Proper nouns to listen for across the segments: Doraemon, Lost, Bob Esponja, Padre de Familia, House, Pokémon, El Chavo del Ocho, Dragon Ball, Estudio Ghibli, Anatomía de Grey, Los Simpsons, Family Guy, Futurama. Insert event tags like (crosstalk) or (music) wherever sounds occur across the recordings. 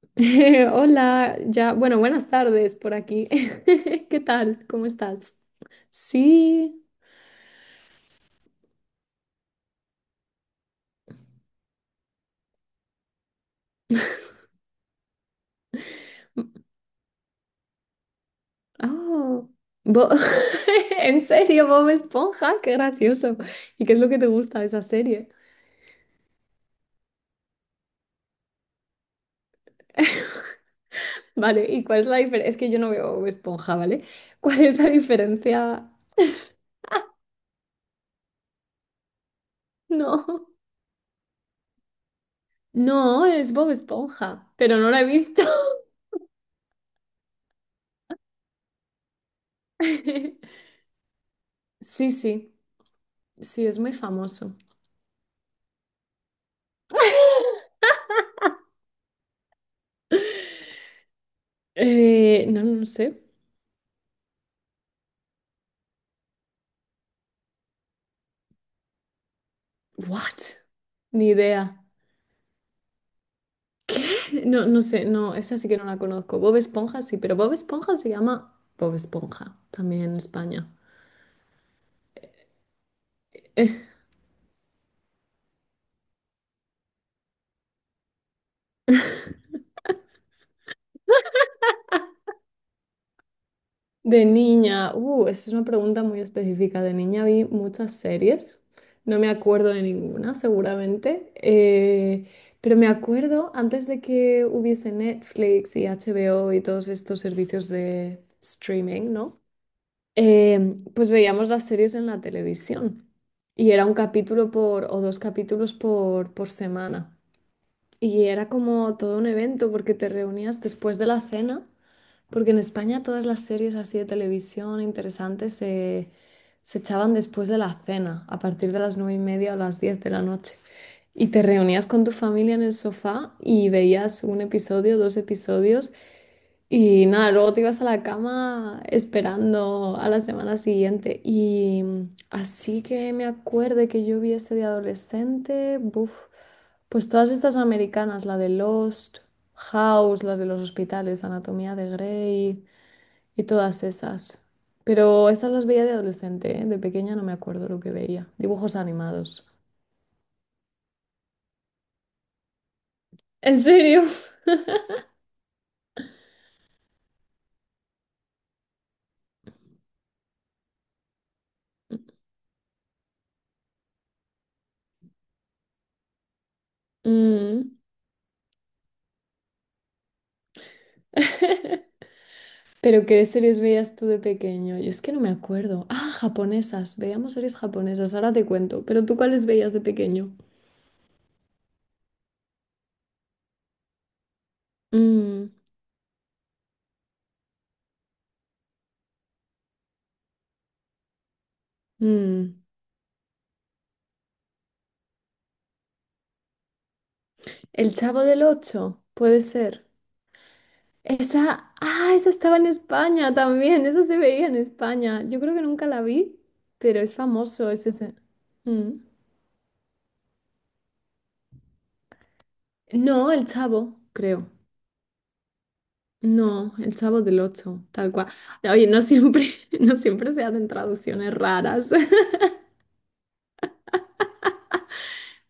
(laughs) Hola, ya, bueno, buenas tardes por aquí. (laughs) ¿Qué tal? ¿Cómo estás? Sí. Oh, Bo- (laughs) ¿En serio, Bob Esponja? Qué gracioso. ¿Y qué es lo que te gusta de esa serie? (laughs) Vale, ¿y cuál es la diferencia? Es que yo no veo Bob Esponja, ¿vale? ¿Cuál es la diferencia? (laughs) No. No, es Bob Esponja, pero no la he visto. (laughs) Sí, sí, sí, es muy famoso. No, no sé. What? Ni idea. ¿Qué? No, no sé, no, esa sí que no la conozco. Bob Esponja sí, pero Bob Esponja se llama Bob Esponja, también en España. (laughs) De niña, esa es una pregunta muy específica. De niña vi muchas series, no me acuerdo de ninguna, seguramente, pero me acuerdo antes de que hubiese Netflix y HBO y todos estos servicios de streaming, ¿no? Pues veíamos las series en la televisión y era un capítulo por o dos capítulos por semana. Y era como todo un evento porque te reunías después de la cena, porque en España todas las series así de televisión interesantes se echaban después de la cena, a partir de las 9:30 o las 10 de la noche. Y te reunías con tu familia en el sofá y veías un episodio, dos episodios y nada, luego te ibas a la cama esperando a la semana siguiente. Y así que me acuerde que yo vi este de adolescente, buf, pues todas estas americanas, la de Lost, House, las de los hospitales, Anatomía de Grey y todas esas. Pero estas las veía de adolescente, ¿eh? De pequeña no me acuerdo lo que veía. Dibujos animados. ¿En serio? (laughs) Mm. (laughs) Pero ¿qué series veías tú de pequeño? Yo es que no me acuerdo. Ah, japonesas. Veíamos series japonesas. Ahora te cuento. Pero ¿tú cuáles veías de pequeño? Mm, mm. El Chavo del Ocho, puede ser. Esa, ah, esa estaba en España también. Esa se veía en España. Yo creo que nunca la vi, pero es famoso. Es ese. Mm. No, El Chavo, creo. No, El Chavo del Ocho, tal cual. Oye, no siempre, (laughs) no siempre se hacen traducciones raras. (laughs)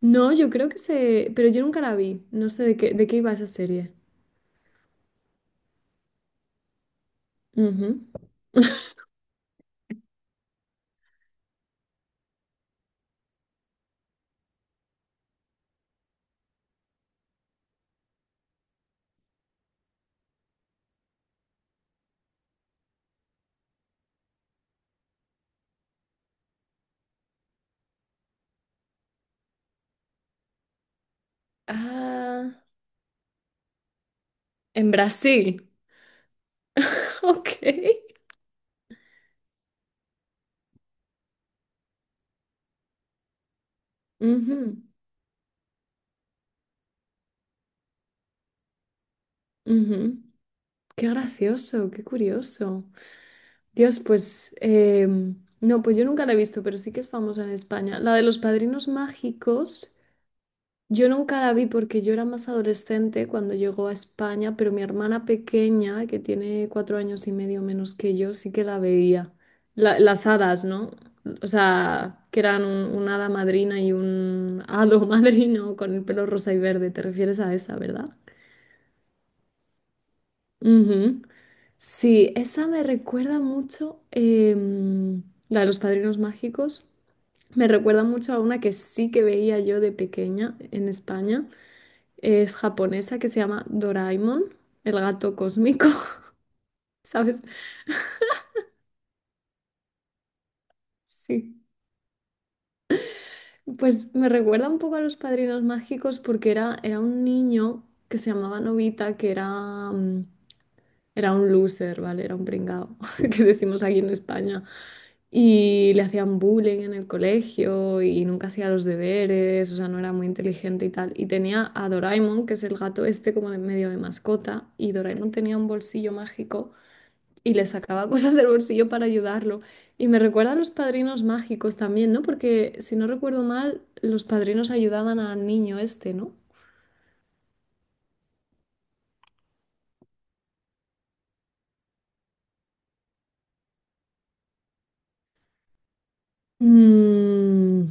No, yo creo que se... Pero yo nunca la vi. No sé de qué iba esa serie. Ujú. Ah, en Brasil. (laughs) Ok. Ujú, ujú. Qué gracioso, qué curioso. Dios, pues, no, pues yo nunca la he visto, pero sí que es famosa en España. La de los padrinos mágicos. Yo nunca la vi porque yo era más adolescente cuando llegó a España, pero mi hermana pequeña, que tiene 4 años y medio menos que yo, sí que la veía. Las hadas, ¿no? O sea, que eran una hada madrina y un hado (laughs) madrino con el pelo rosa y verde. ¿Te refieres a esa, verdad? Ujú. Sí, esa me recuerda mucho, la de los padrinos mágicos, me recuerda mucho a una que sí que veía yo de pequeña en España, es japonesa que se llama Doraemon, el gato cósmico, (laughs) ¿sabes? Sí. Pues me recuerda un poco a los padrinos mágicos porque era un niño que se llamaba Novita, que era un loser, ¿vale? Era un pringao, (laughs) que decimos aquí en España. Y le hacían bullying en el colegio y nunca hacía los deberes, o sea, no era muy inteligente y tal. Y tenía a Doraemon, que es el gato este como de medio de mascota, y Doraemon tenía un bolsillo mágico y le sacaba (laughs) cosas del bolsillo para ayudarlo. Y me recuerda a los padrinos mágicos también, ¿no? Porque si no recuerdo mal, los padrinos ayudaban al niño este, ¿no? Mm,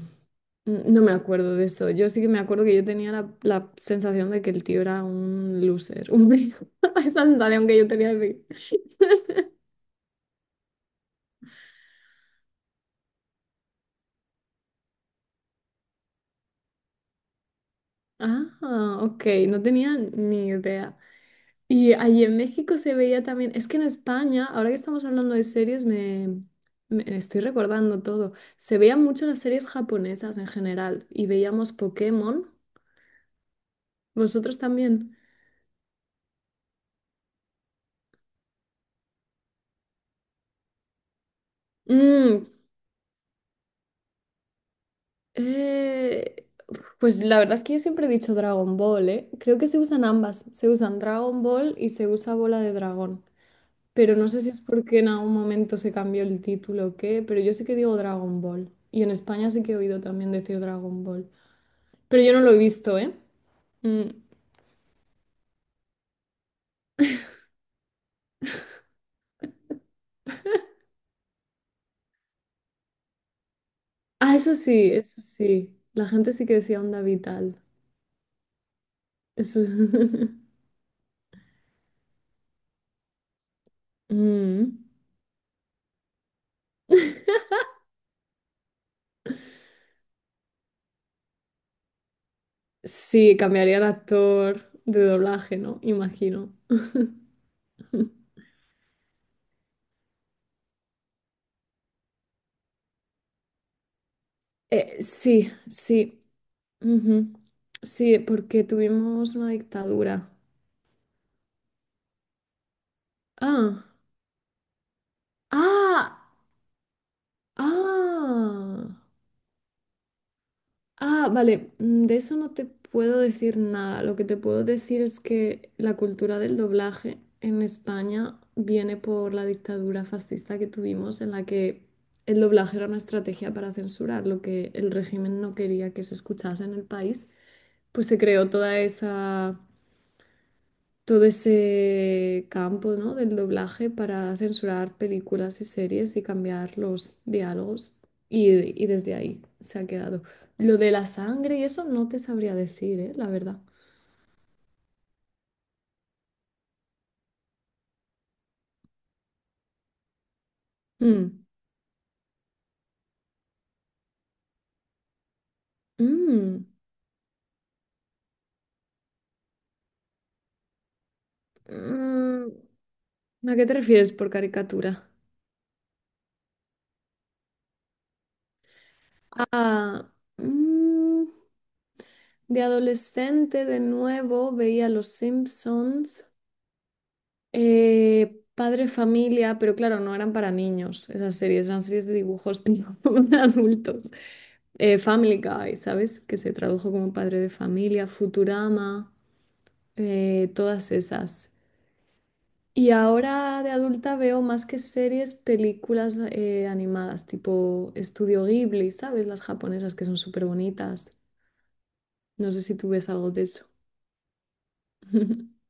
no me acuerdo de eso. Yo sí que me acuerdo que yo tenía la sensación de que el tío era un loser, un (laughs) Esa sensación que yo tenía de... Ah, ok, no tenía ni idea. Y allí en México se veía también, es que en España, ahora que estamos hablando de series, me estoy recordando todo. Se veían mucho las series japonesas en general y veíamos Pokémon. ¿Vosotros también? Mm, eh, pues la verdad es que yo siempre he dicho Dragon Ball, ¿eh? Creo que se usan ambas. Se usan Dragon Ball y se usa Bola de Dragón. Pero no sé si es porque en algún momento se cambió el título o qué, pero yo sí que digo Dragon Ball. Y en España sí que he oído también decir Dragon Ball. Pero yo no lo he visto, ¿eh? Mm, Ah, eso sí, eso sí. La gente sí que decía onda vital. Eso. (laughs) Mm. Sí, cambiaría el actor de doblaje, ¿no? Imagino. (laughs) Sí, sí. Ujú. Sí, porque tuvimos una dictadura. Ah, ah, ah. Ah, vale, de eso no te puedo decir nada. Lo que te puedo decir es que la cultura del doblaje en España viene por la dictadura fascista que tuvimos, en la que el doblaje era una estrategia para censurar lo que el régimen no quería que se escuchase en el país. Pues se creó toda esa todo ese campo, ¿no? del doblaje para censurar películas y series y cambiar los diálogos y, y desde ahí se ha quedado. Lo de la sangre y eso no te sabría decir, ¿eh? La verdad. Mm, mm, mm. ¿A qué te refieres por caricatura? Ah, mm, de adolescente de nuevo veía Los Simpsons. Padre Familia, pero claro, no eran para niños esas series, eran series de dibujos tipo (laughs) de adultos. Family Guy, ¿sabes? Que se tradujo como Padre de Familia, Futurama, todas esas. Y ahora de adulta veo más que series, películas animadas, tipo Estudio Ghibli, ¿sabes? Las japonesas que son súper bonitas. No sé si tú ves algo de eso. (laughs)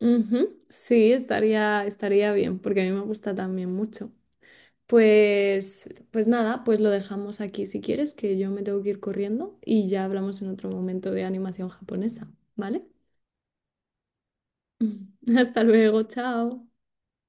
Ujú, sí, estaría bien, porque a mí me gusta también mucho. Pues nada, pues lo dejamos aquí si quieres, que yo me tengo que ir corriendo y ya hablamos en otro momento de animación japonesa, ¿vale? (laughs) Hasta luego, chao.